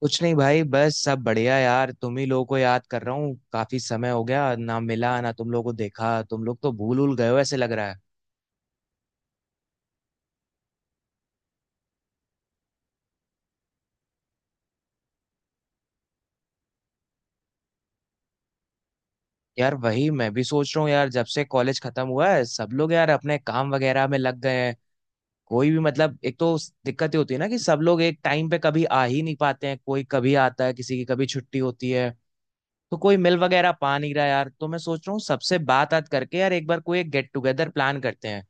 कुछ नहीं भाई, बस सब बढ़िया यार। तुम ही लोगों को याद कर रहा हूँ, काफी समय हो गया, ना मिला ना तुम लोगों को देखा। तुम लोग तो भूल उल गए हो ऐसे लग रहा है। यार वही मैं भी सोच रहा हूँ यार, जब से कॉलेज खत्म हुआ है सब लोग यार अपने काम वगैरह में लग गए हैं। कोई भी मतलब, एक तो दिक्कत ये होती है ना कि सब लोग एक टाइम पे कभी आ ही नहीं पाते हैं। कोई कभी आता है, किसी की कभी छुट्टी होती है, तो कोई मिल वगैरह पा नहीं रहा यार। तो मैं सोच रहा हूँ सबसे बात बात करके यार एक बार कोई एक गेट टुगेदर प्लान करते हैं।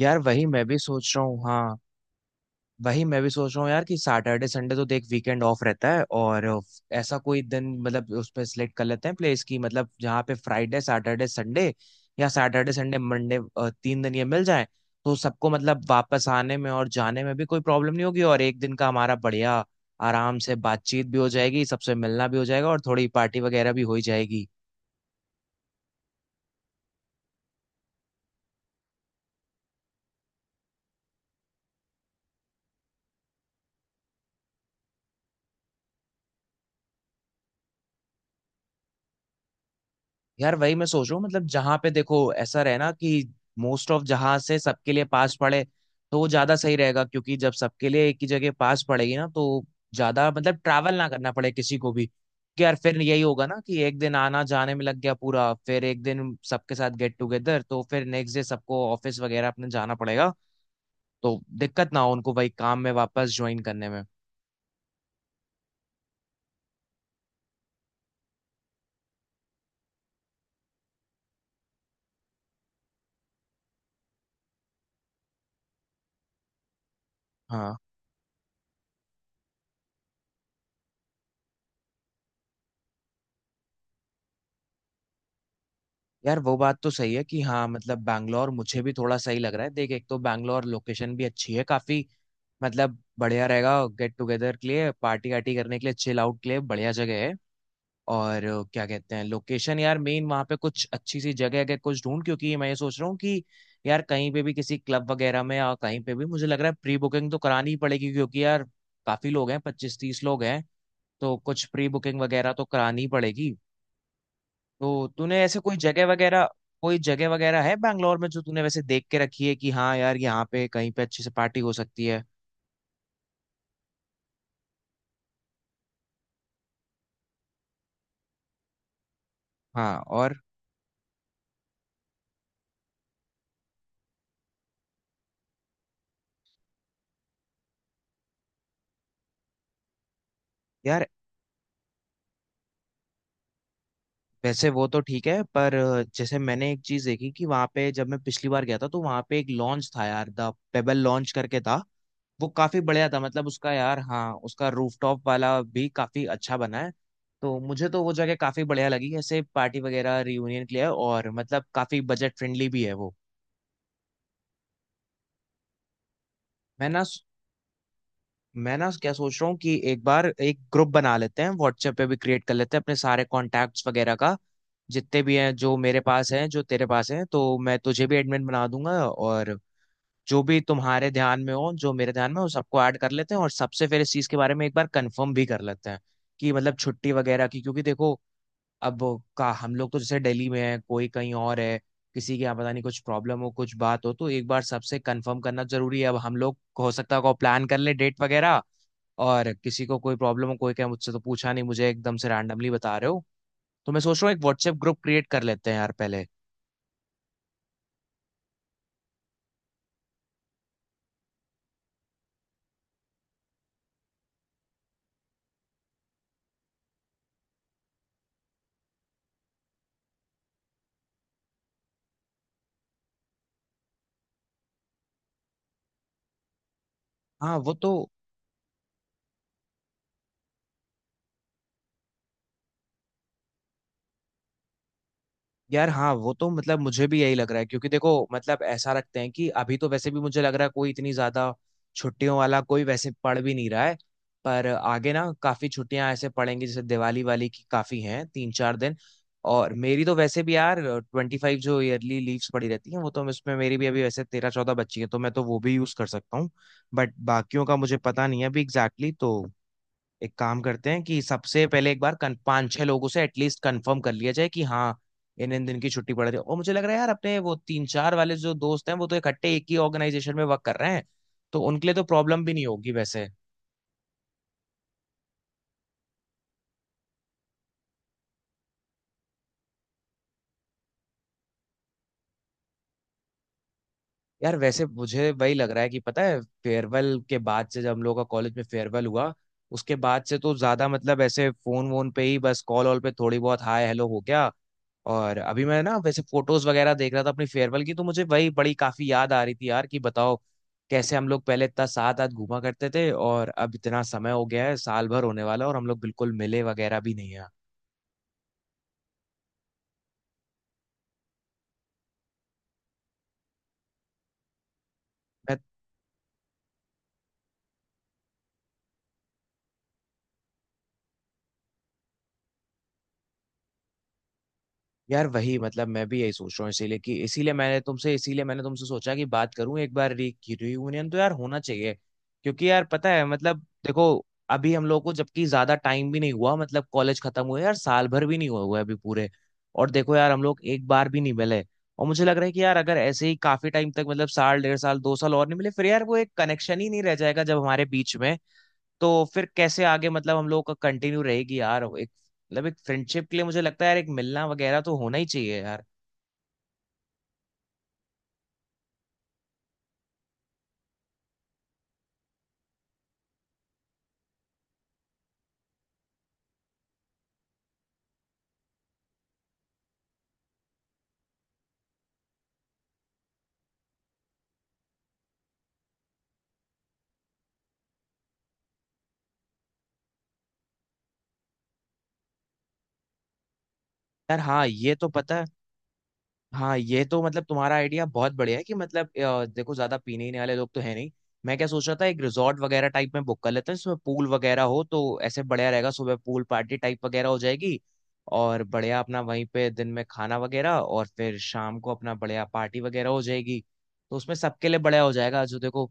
यार वही मैं भी सोच रहा हूँ, हाँ। वही मैं भी सोच रहा हूँ यार, कि सैटरडे संडे तो देख वीकेंड ऑफ रहता है और ऐसा कोई दिन, मतलब उस पर सिलेक्ट कर लेते हैं प्लेस की, मतलब जहाँ पे फ्राइडे सैटरडे संडे या सैटरडे संडे मंडे तीन दिन ये मिल जाए। तो सबको मतलब वापस आने में और जाने में भी कोई प्रॉब्लम नहीं होगी, और एक दिन का हमारा बढ़िया आराम से बातचीत भी हो जाएगी, सबसे मिलना भी हो जाएगा और थोड़ी पार्टी वगैरह भी हो ही जाएगी। यार वही मैं सोच रहा हूँ, मतलब जहां पे देखो ऐसा रहे ना कि मोस्ट ऑफ जहां से सबके लिए पास पड़े, तो वो ज्यादा सही रहेगा। क्योंकि जब सबके लिए एक ही जगह पास पड़ेगी ना, तो ज्यादा मतलब ट्रैवल ना करना पड़े किसी को भी। कि यार फिर यही होगा ना कि एक दिन आना जाने में लग गया पूरा, फिर एक दिन सबके साथ गेट टुगेदर, तो फिर नेक्स्ट डे सबको ऑफिस वगैरह अपने जाना पड़ेगा। तो दिक्कत ना हो उनको वही काम में वापस ज्वाइन करने में। हाँ। यार वो बात तो सही है कि, हाँ मतलब बैंगलोर मुझे भी थोड़ा सही लग रहा है। देख, एक तो बैंगलोर लोकेशन भी अच्छी है काफी, मतलब बढ़िया रहेगा गेट टुगेदर के लिए, पार्टी वार्टी करने के लिए, चिल आउट के लिए बढ़िया जगह है। और क्या कहते हैं लोकेशन यार मेन, वहां पे कुछ अच्छी सी जगह अगर कुछ ढूंढ, क्योंकि मैं ये सोच रहा हूँ कि यार कहीं पे भी किसी क्लब वगैरह में या कहीं पे भी मुझे लग रहा है प्री बुकिंग तो करानी ही पड़ेगी, क्योंकि यार काफी लोग हैं, 25-30 लोग हैं। तो कुछ प्री बुकिंग वगैरह तो करानी ही पड़ेगी। तो तूने ऐसे कोई जगह वगैरह, कोई जगह वगैरह है बैंगलोर में जो तूने वैसे देख के रखी है कि हाँ यार यहाँ पे कहीं पे अच्छी से पार्टी हो सकती है? हाँ और। यार वैसे वो तो ठीक है, पर जैसे मैंने एक चीज देखी कि वहां पे जब मैं पिछली बार गया था तो वहां पे एक लॉन्च था यार, द पेबल लॉन्च करके था। वो काफी बढ़िया था, मतलब उसका यार, हाँ उसका रूफटॉप वाला भी काफी अच्छा बना है। तो मुझे तो वो जगह काफी बढ़िया लगी, ऐसे पार्टी वगैरह रियूनियन के लिए, और मतलब काफी बजट फ्रेंडली भी है वो। मैं ना मैं ना क्या सोच रहा हूँ कि एक बार एक ग्रुप बना लेते हैं, व्हाट्सएप पे भी क्रिएट कर लेते हैं अपने सारे कॉन्टैक्ट्स वगैरह का। जितने भी हैं, जो मेरे पास हैं जो तेरे पास हैं, तो मैं तुझे भी एडमिन बना दूंगा। और जो भी तुम्हारे ध्यान में हो जो मेरे ध्यान में हो सबको ऐड कर लेते हैं, और सबसे फिर इस चीज़ के बारे में एक बार कंफर्म भी कर लेते हैं कि मतलब छुट्टी वगैरह की, क्योंकि देखो अब वो का, हम लोग तो जैसे दिल्ली में है, कोई कहीं और है, किसी के यहाँ पता नहीं कुछ प्रॉब्लम हो कुछ बात हो, तो एक बार सबसे कंफर्म करना जरूरी है। अब हम लोग हो सकता है को प्लान कर ले डेट वगैरह, और किसी को कोई प्रॉब्लम हो, कोई क्या मुझसे तो पूछा नहीं, मुझे एकदम से रैंडमली बता रहे हो। तो मैं सोच रहा हूँ एक व्हाट्सएप ग्रुप क्रिएट कर लेते हैं यार पहले। हाँ वो तो हाँ वो तो मतलब मुझे भी यही लग रहा है, क्योंकि देखो मतलब ऐसा रखते हैं कि अभी तो वैसे भी मुझे लग रहा है कोई इतनी ज्यादा छुट्टियों वाला कोई वैसे पढ़ भी नहीं रहा है। पर आगे ना काफी छुट्टियां ऐसे पड़ेंगी, जैसे दिवाली वाली की काफी हैं तीन चार दिन। और मेरी तो वैसे भी यार 25 जो ईयरली लीव्स पड़ी रहती हैं, वो तो उसमें मेरी भी अभी वैसे 13-14 बच्ची है, तो मैं तो वो भी यूज कर सकता हूँ। बट बाकियों का मुझे पता नहीं है अभी एग्जैक्टली, तो एक काम करते हैं कि सबसे पहले एक बार पांच छह लोगों से एटलीस्ट कंफर्म कर लिया जाए कि हाँ, इन इन दिन की छुट्टी पड़ रही है। और मुझे लग रहा है यार अपने वो तीन चार वाले जो दोस्त हैं वो तो इकट्ठे एक ही ऑर्गेनाइजेशन में वर्क कर रहे हैं, तो उनके लिए तो प्रॉब्लम भी नहीं होगी वैसे। यार वैसे मुझे वही लग रहा है कि पता है, फेयरवेल के बाद से, जब हम लोगों का कॉलेज में फेयरवेल हुआ उसके बाद से तो ज्यादा मतलब ऐसे फोन वोन पे ही बस, कॉल वॉल पे थोड़ी बहुत हाय हेलो हो गया। और अभी मैं ना वैसे फोटोज वगैरह देख रहा था अपनी फेयरवेल की, तो मुझे वही बड़ी काफी याद आ रही थी यार कि बताओ कैसे हम लोग पहले इतना साथ साथ घूमा करते थे, और अब इतना समय हो गया है, साल भर होने वाला है और हम लोग बिल्कुल मिले वगैरह भी नहीं है। यार वही मतलब मैं भी यही सोच रहा हूँ, इसीलिए कि इसीलिए मैंने तुमसे सोचा कि बात करूं एक बार, रियूनियन तो यार होना चाहिए। क्योंकि यार पता है मतलब, देखो अभी हम लोग को जबकि ज्यादा टाइम भी नहीं हुआ, मतलब कॉलेज खत्म हुए यार साल भर भी नहीं हुआ हुआ है अभी पूरे। और देखो यार हम लोग एक बार भी नहीं मिले। और मुझे लग रहा है कि यार अगर ऐसे ही काफी टाइम तक, मतलब साल डेढ़ साल दो साल और नहीं मिले, फिर यार वो एक कनेक्शन ही नहीं रह जाएगा जब हमारे बीच में। तो फिर कैसे आगे मतलब हम लोग का कंटिन्यू रहेगी यार एक, मतलब एक फ्रेंडशिप के लिए मुझे लगता है यार एक मिलना वगैरह तो होना ही चाहिए यार। यार हाँ ये तो पता है। हाँ ये तो, मतलब तुम्हारा आइडिया बहुत बढ़िया है, कि मतलब देखो ज्यादा पीने ही वाले लोग तो है नहीं। मैं क्या सोच रहा था, एक रिजॉर्ट वगैरह टाइप में बुक कर लेते हैं जिसमें पूल वगैरह हो, तो ऐसे बढ़िया रहेगा, सुबह पूल पार्टी टाइप वगैरह हो जाएगी, और बढ़िया अपना वहीं पे दिन में खाना वगैरह, और फिर शाम को अपना बढ़िया पार्टी वगैरह हो जाएगी। तो उसमें सबके लिए बढ़िया हो जाएगा, जो देखो,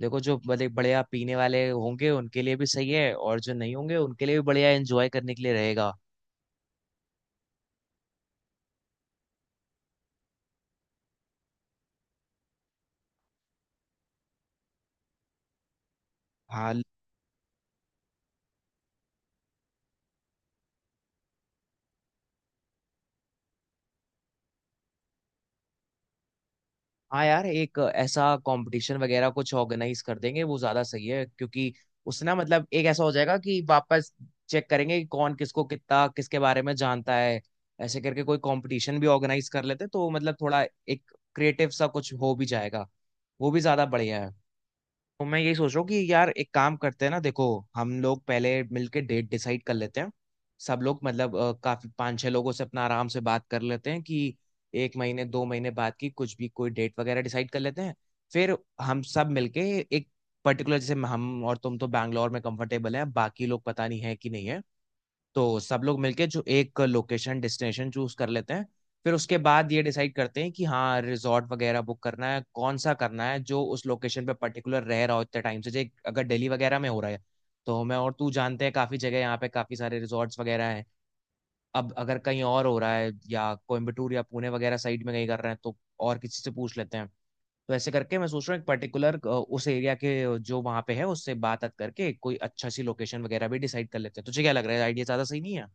देखो जो मतलब बढ़िया पीने वाले होंगे उनके लिए भी सही है, और जो नहीं होंगे उनके लिए भी बढ़िया एंजॉय करने के लिए रहेगा। हाँ। हाँ यार, एक ऐसा कंपटीशन वगैरह कुछ ऑर्गेनाइज कर देंगे, वो ज्यादा सही है। क्योंकि उससे ना मतलब एक ऐसा हो जाएगा कि वापस चेक करेंगे कि कौन किसको कितना किसके बारे में जानता है। ऐसे करके कोई कंपटीशन भी ऑर्गेनाइज कर लेते, तो मतलब थोड़ा एक क्रिएटिव सा कुछ हो भी जाएगा, वो भी ज्यादा बढ़िया है। तो मैं यही सोच रहा हूँ कि यार एक काम करते हैं ना, देखो हम लोग पहले मिलके डेट डिसाइड कर लेते हैं। सब लोग मतलब काफी पांच छह लोगों से अपना आराम से बात कर लेते हैं कि एक महीने दो महीने बाद की कुछ भी कोई डेट वगैरह डिसाइड कर लेते हैं। फिर हम सब मिलके एक पर्टिकुलर, जैसे हम और तुम तो बैंगलोर में कंफर्टेबल हैं, बाकी लोग पता नहीं है कि नहीं है, तो सब लोग मिलके जो एक लोकेशन डेस्टिनेशन चूज कर लेते हैं। फिर उसके बाद ये डिसाइड करते हैं कि हाँ रिजॉर्ट वगैरह बुक करना है, कौन सा करना है, जो उस लोकेशन पे पर्टिकुलर रह रहा हो इतने टाइम से। जे अगर दिल्ली वगैरह में हो रहा है, तो मैं और तू जानते हैं काफी जगह यहाँ पे, काफी सारे रिजॉर्ट्स वगैरह हैं। अब अगर कहीं और हो रहा है, या कोयम्बटूर या पुणे वगैरह साइड में कहीं कर रहे हैं, तो और किसी से पूछ लेते हैं। तो ऐसे करके मैं सोच रहा हूँ एक पर्टिकुलर उस एरिया के जो वहां पे है उससे बात बात करके कोई अच्छा सी लोकेशन वगैरह भी डिसाइड कर लेते हैं। तुझे क्या लग रहा है, आइडिया ज्यादा सही नहीं है?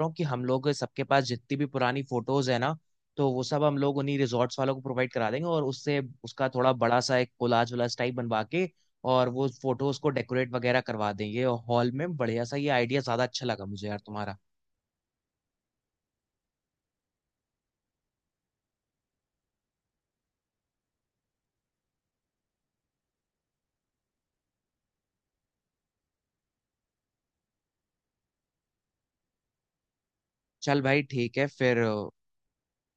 रहा हूँ कि हम लोग सबके पास जितनी भी पुरानी फोटोज है ना, तो वो सब हम लोग उन्हीं रिजॉर्ट्स वालों को प्रोवाइड करा देंगे, और उससे उसका थोड़ा बड़ा सा एक कोलाज वोलाज टाइप बनवा के और वो फोटोज को डेकोरेट वगैरह करवा देंगे, और हॉल में बढ़िया सा, ये आइडिया ज्यादा अच्छा लगा मुझे यार तुम्हारा। चल भाई ठीक है फिर।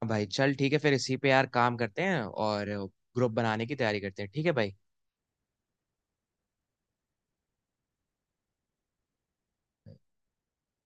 भाई चल ठीक है फिर, इसी पे यार काम करते हैं, और ग्रुप बनाने की तैयारी करते हैं, ठीक है भाई।